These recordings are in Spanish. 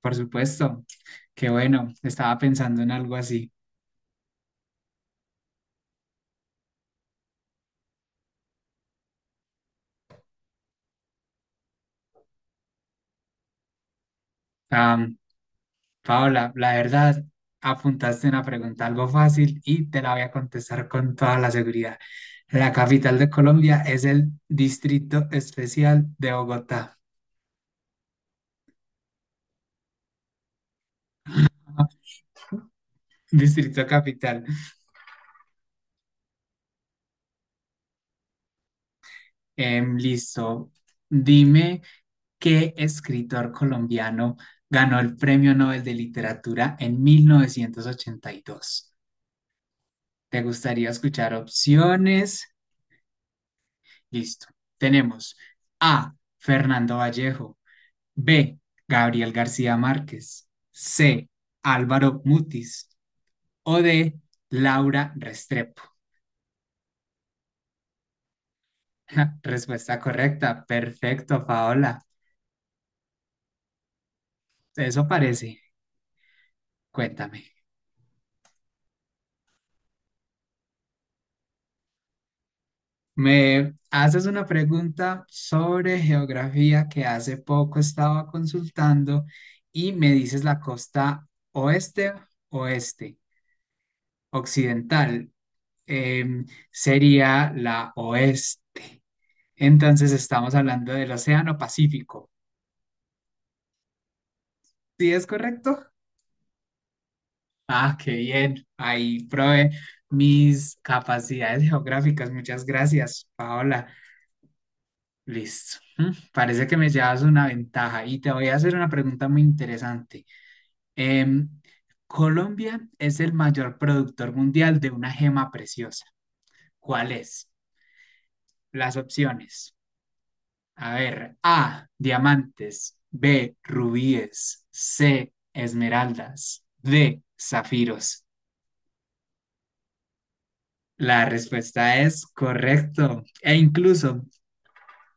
Por supuesto, qué bueno, estaba pensando en algo así. Am, Paola, la verdad, apuntaste una pregunta algo fácil y te la voy a contestar con toda la seguridad. La capital de Colombia es el Distrito Especial de Bogotá, Distrito Capital. Listo, dime qué escritor colombiano ganó el Premio Nobel de Literatura en 1982. ¿Te gustaría escuchar opciones? Listo. Tenemos A, Fernando Vallejo, B, Gabriel García Márquez, C, Álvaro Mutis o D, Laura Restrepo. Respuesta correcta. Perfecto, Paola. Eso parece. Cuéntame. Me haces una pregunta sobre geografía que hace poco estaba consultando y me dices la costa oeste, oeste, occidental, em, sería la oeste. Entonces estamos hablando del Océano Pacífico. ¿Sí es correcto? Ah, qué bien. Ahí probé mis capacidades geográficas. Muchas gracias, Paola. Listo. Mm, parece que me llevas una ventaja y te voy a hacer una pregunta muy interesante. Em, Colombia es el mayor productor mundial de una gema preciosa. ¿Cuál es? Las opciones. A ver, A, diamantes, B, rubíes, C, esmeraldas, D, zafiros. La respuesta es correcto. E incluso,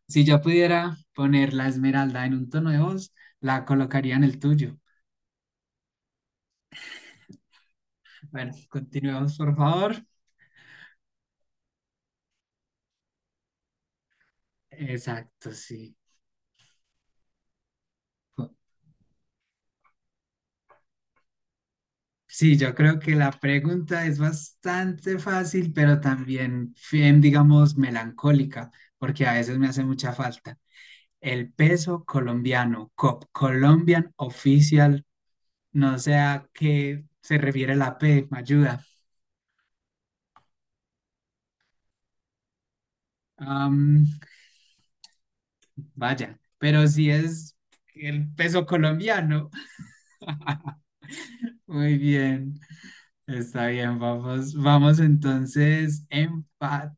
si yo pudiera poner la esmeralda en un tono de voz, la colocaría en el tuyo. Bueno, continuemos, por favor. Exacto, sí. Sí, yo creo que la pregunta es bastante fácil, pero también, bien, digamos, melancólica, porque a veces me hace mucha falta. El peso colombiano, COP, Colombian Official, no sé a qué se refiere la P, me ayuda. Am, vaya, pero si es el peso colombiano. Muy bien, está bien, vamos, entonces empate.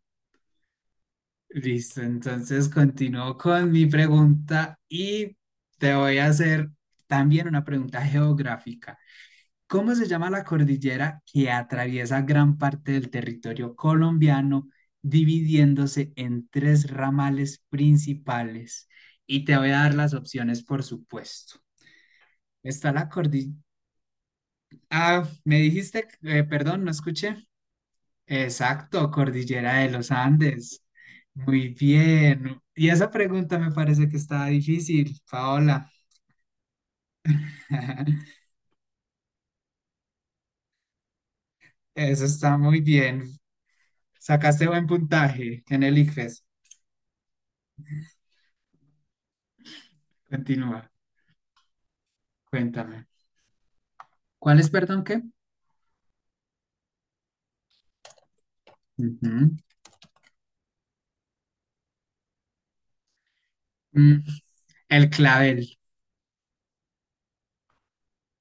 Listo, entonces continúo con mi pregunta y te voy a hacer también una pregunta geográfica. ¿Cómo se llama la cordillera que atraviesa gran parte del territorio colombiano, dividiéndose en tres ramales principales? Y te voy a dar las opciones, por supuesto. Está la cordillera... Ah, me dijiste, perdón, no escuché. Exacto, cordillera de los Andes. Muy bien. Y esa pregunta me parece que está difícil, Paola. Eso está muy bien. Sacaste buen puntaje en el ICFES. Continúa. Cuéntame. ¿Cuál es, perdón, qué? Ujú. Mm, el clavel.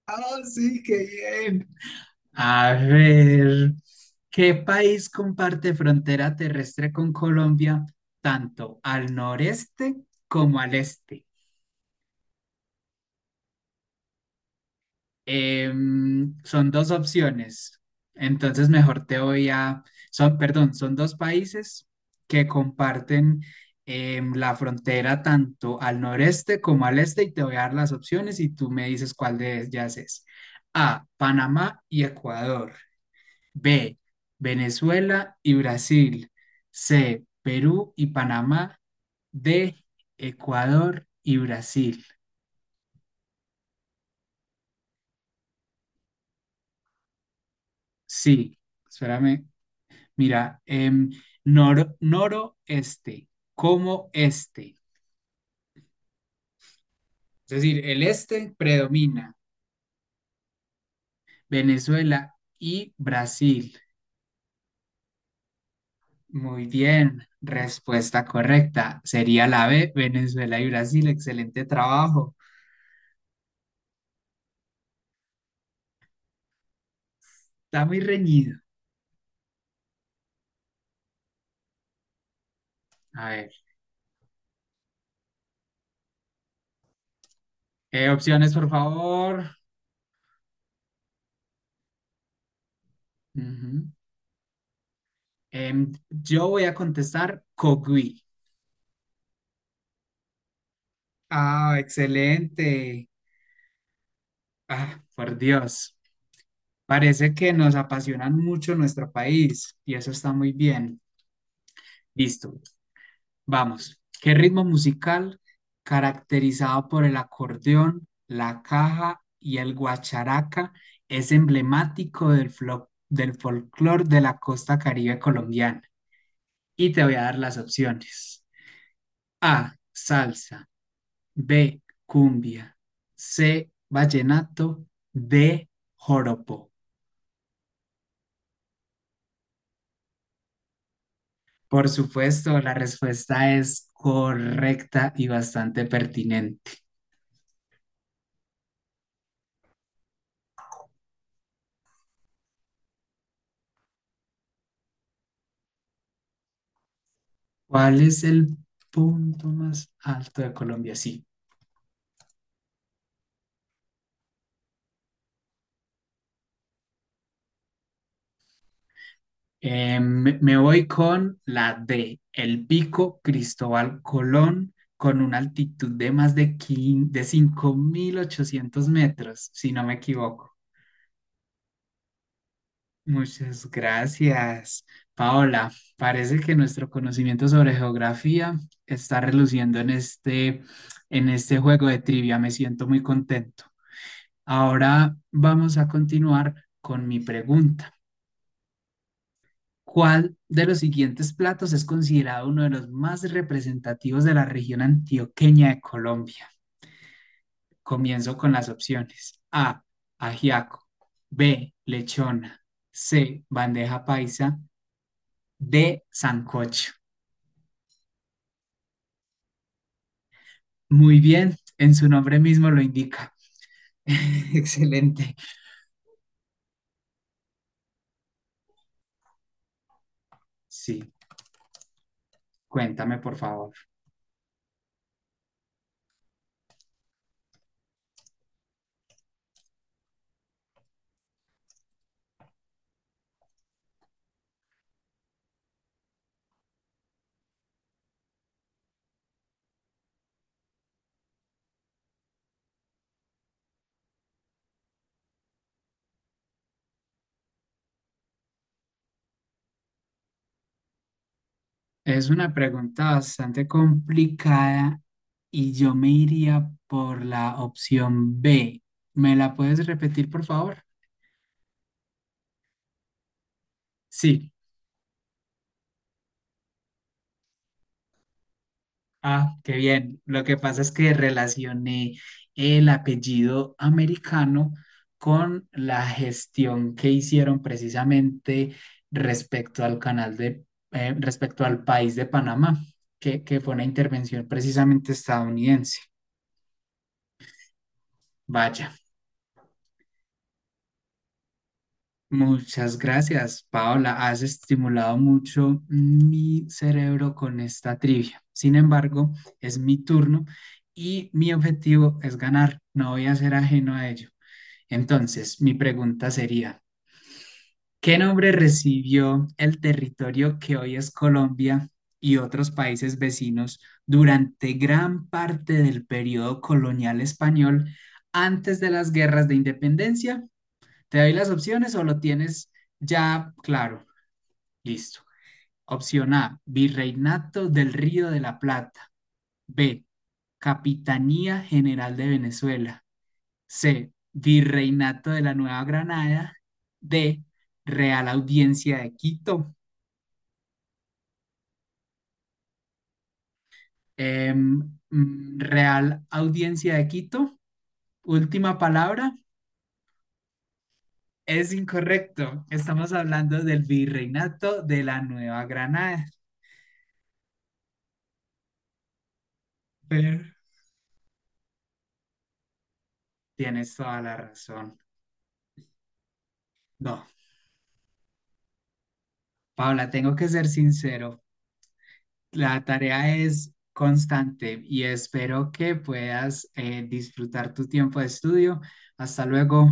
Ah, sí, qué bien. A ver, ¿qué país comparte frontera terrestre con Colombia tanto al noreste como al este? Son dos opciones. Entonces, mejor te voy a... Son, perdón, son dos países que comparten la frontera tanto al noreste como al este y te voy a dar las opciones y tú me dices cuál de ellas es. A, Panamá y Ecuador. B, Venezuela y Brasil. C, Perú y Panamá. D, Ecuador y Brasil. Sí, espérame. Mira, noroeste, como este. Es decir, el este predomina. Venezuela y Brasil. Muy bien, respuesta correcta. Sería la B, Venezuela y Brasil. Excelente trabajo. Está muy reñido. A ver, opciones, por favor. Ujú. Yo voy a contestar Cogui. Ah, excelente. Ah, por Dios. Parece que nos apasionan mucho nuestro país y eso está muy bien. Listo, vamos. ¿Qué ritmo musical caracterizado por el acordeón, la caja y el guacharaca es emblemático del folclore de la costa caribe colombiana? Y te voy a dar las opciones. A, salsa, B, cumbia, C, vallenato, D, joropo. Por supuesto, la respuesta es correcta y bastante pertinente. ¿Cuál es el punto más alto de Colombia? Sí. Me voy con la D, el Pico Cristóbal Colón, con una altitud de más de, de 5.800 metros, si no me equivoco. Muchas gracias, Paola. Parece que nuestro conocimiento sobre geografía está reluciendo en este juego de trivia. Me siento muy contento. Ahora vamos a continuar con mi pregunta. ¿Cuál de los siguientes platos es considerado uno de los más representativos de la región antioqueña de Colombia? Comienzo con las opciones. A, ajiaco. B, lechona. C, bandeja paisa. De sancocho. Muy bien, en su nombre mismo lo indica. Excelente. Sí, cuéntame por favor. Es una pregunta bastante complicada y yo me iría por la opción B. ¿Me la puedes repetir por favor? Sí. Ah, qué bien. Lo que pasa es que relacioné el apellido americano con la gestión que hicieron precisamente respecto al canal de, respecto al país de Panamá, que fue una intervención precisamente estadounidense. Vaya, muchas gracias, Paola. Has estimulado mucho mi cerebro con esta trivia. Sin embargo, es mi turno y mi objetivo es ganar. No voy a ser ajeno a ello. Entonces, mi pregunta sería, ¿qué nombre recibió el territorio que hoy es Colombia y otros países vecinos durante gran parte del periodo colonial español antes de las guerras de independencia? ¿Te doy las opciones o lo tienes ya claro? Listo. Opción A, Virreinato del Río de la Plata. B, Capitanía General de Venezuela. C, Virreinato de la Nueva Granada. D, Real Audiencia de Quito. Em, Real Audiencia de Quito. Última palabra. Es incorrecto. Estamos hablando del Virreinato de la Nueva Granada. Pero tienes toda la razón. No, Paula, tengo que ser sincero. La tarea es constante y espero que puedas disfrutar tu tiempo de estudio. Hasta luego.